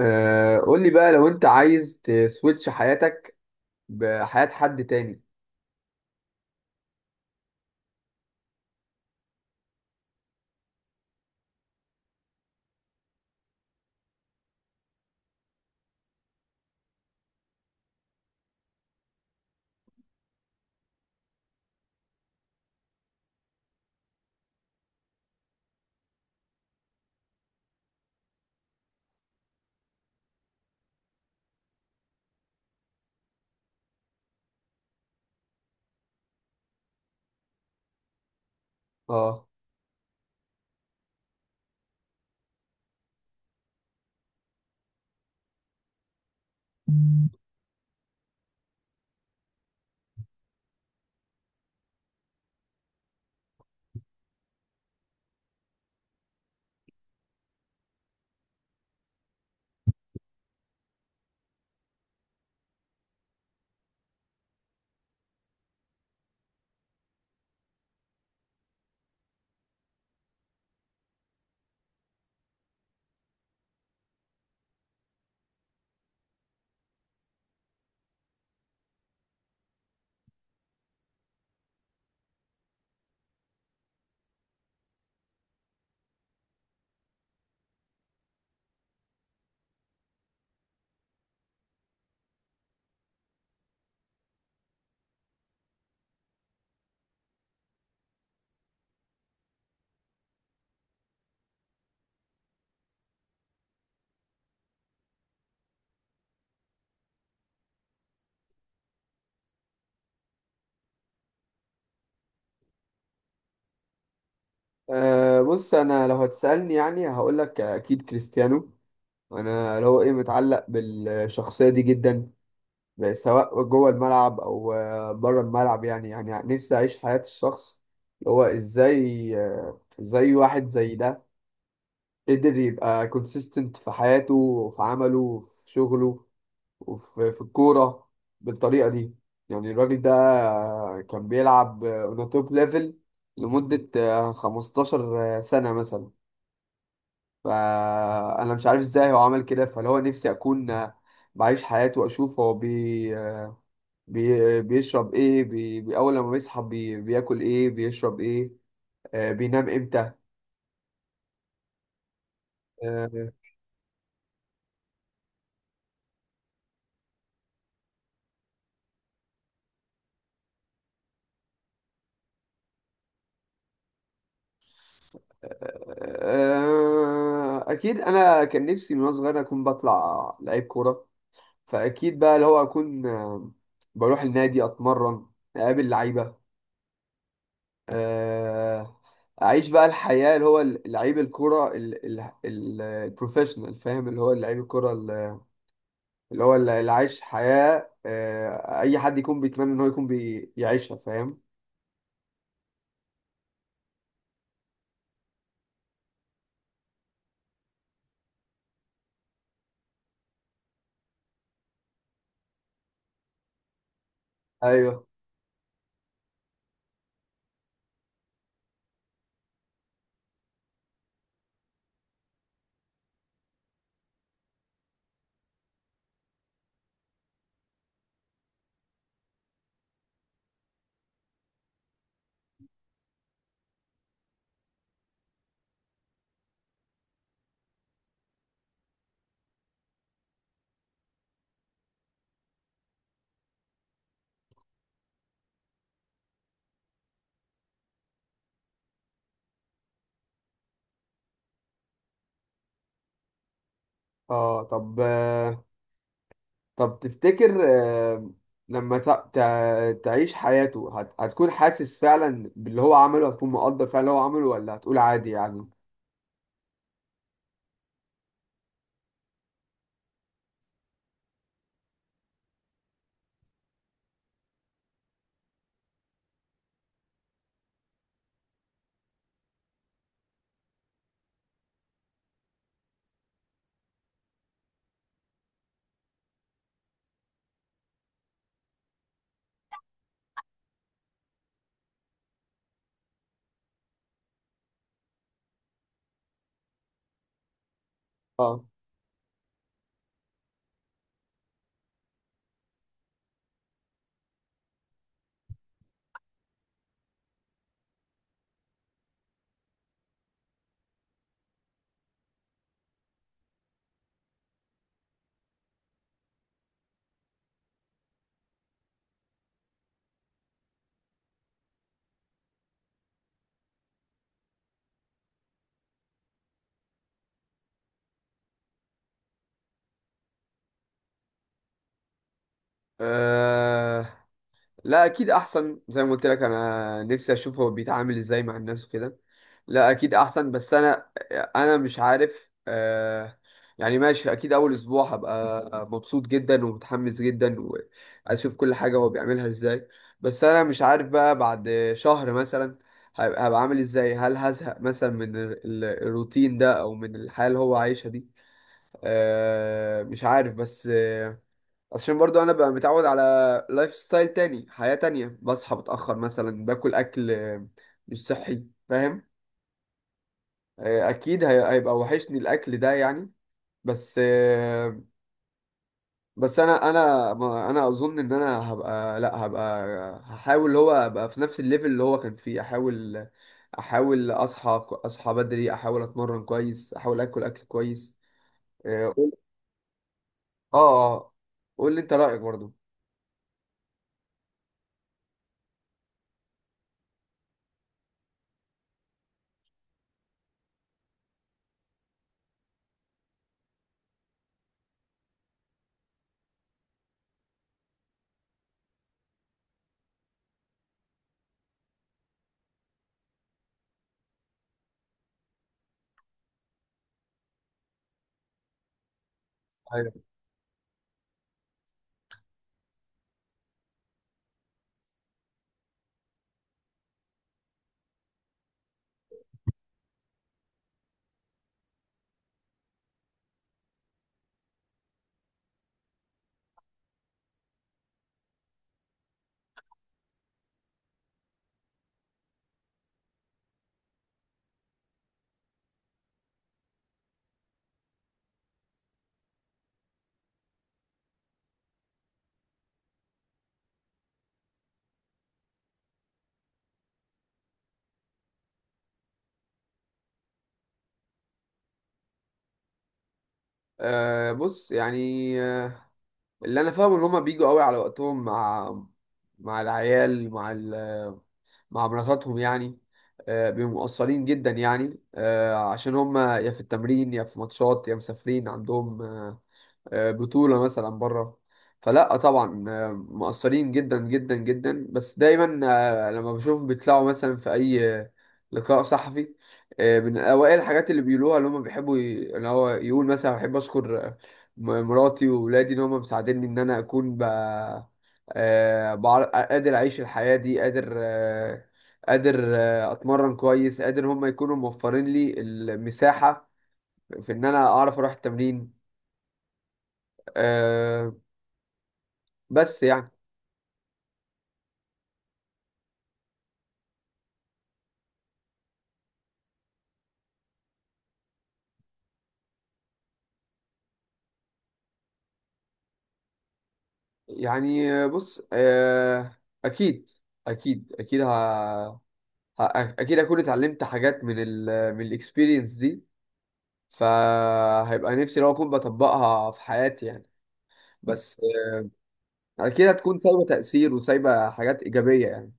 آه، قول لي بقى لو انت عايز تسويتش حياتك بحياة حد تاني. اه. بص، انا لو هتسألني يعني هقول لك اكيد كريستيانو. انا اللي هو ايه متعلق بالشخصية دي جدا، سواء جوه الملعب او بره الملعب. يعني يعني نفسي اعيش حياة الشخص اللي هو ازاي، ازاي واحد زي ده قدر يبقى كونسيستنت في حياته وفي عمله وفي شغله وفي الكورة بالطريقة دي. يعني الراجل ده كان بيلعب اون توب ليفل لمدة 15 سنة مثلا. فأنا مش عارف ازاي هو عمل كده، فاللي هو نفسي أكون بعيش حياته وأشوف هو بي بي بيشرب ايه، أول لما بيصحى بي بياكل ايه بيشرب ايه، بينام امتى. آه، أكيد أنا كان نفسي من وأنا صغير أكون بطلع لعيب كورة، فاكيد بقى اللي هو اكون بروح النادي اتمرن، اقابل لعيبه، آه، اعيش بقى الحياه اللي هو لعيب الكره البروفيشنال. فاهم؟ اللي هو لعيب الكره اللي هو اللي عايش حياه اي حد يكون بيتمنى ان هو يكون بيعيشها. فاهم؟ ايوه. اه طب طب تفتكر، لما تعيش حياته هتكون حاسس فعلا باللي هو عمله؟ هتكون مقدر فعلا اللي هو عمله ولا هتقول عادي يعني؟ آه. أه لا اكيد احسن، زي ما قلت لك انا نفسي اشوف هو بيتعامل ازاي مع الناس وكده. لا اكيد احسن، بس انا مش عارف أه. يعني ماشي، اكيد اول اسبوع هبقى مبسوط جدا ومتحمس جدا واشوف كل حاجة هو بيعملها ازاي. بس انا مش عارف بقى بعد شهر مثلا هبقى عامل ازاي؟ هل هزهق مثلا من الروتين ده او من الحياة اللي هو عايشها دي؟ أه مش عارف. بس عشان برضو انا بقى متعود على لايف ستايل تاني، حياة تانية، بصحى متأخر مثلا، باكل اكل مش صحي. فاهم؟ اكيد هيبقى وحشني الاكل ده يعني. بس آه، بس انا انا ما- انا اظن ان انا هبقى لا هبقى هحاول اللي هو ابقى في نفس الليفل اللي هو كان فيه. احاول، احاول اصحى بدري، احاول اتمرن كويس، احاول اكل كويس. اه قول- اه. آه. قول لي انت رأيك برضو. أيوة. آه بص يعني آه، اللي انا فاهمه ان هما بيجوا قوي على وقتهم مع، مع العيال، مع ال... مع مراتاتهم يعني. بيبقوا مقصرين جدا يعني، عشان هما يا في التمرين يا في ماتشات يا مسافرين عندهم بطولة مثلا بره. فلا طبعا مقصرين جدا جدا جدا. بس دايما لما بشوفهم بيطلعوا مثلا في أي لقاء صحفي، من أوائل الحاجات اللي بيقولوها اللي هم بيحبوا اللي هو يقول مثلا: بحب أشكر مراتي وولادي، إن هم مساعديني، إن أنا أكون ب... قادر أعيش الحياة دي، قادر قادر أتمرن كويس، قادر هم يكونوا موفرين لي المساحة في إن أنا أعرف أروح التمرين. آه، بس يعني. يعني بص، اكيد، اكيد اكيد اكون اتعلمت حاجات من ال... من الاكسبيرينس دي، فهيبقى نفسي لو اكون بطبقها في حياتي يعني. بس اكيد هتكون سايبه تأثير وسايبه حاجات ايجابيه يعني.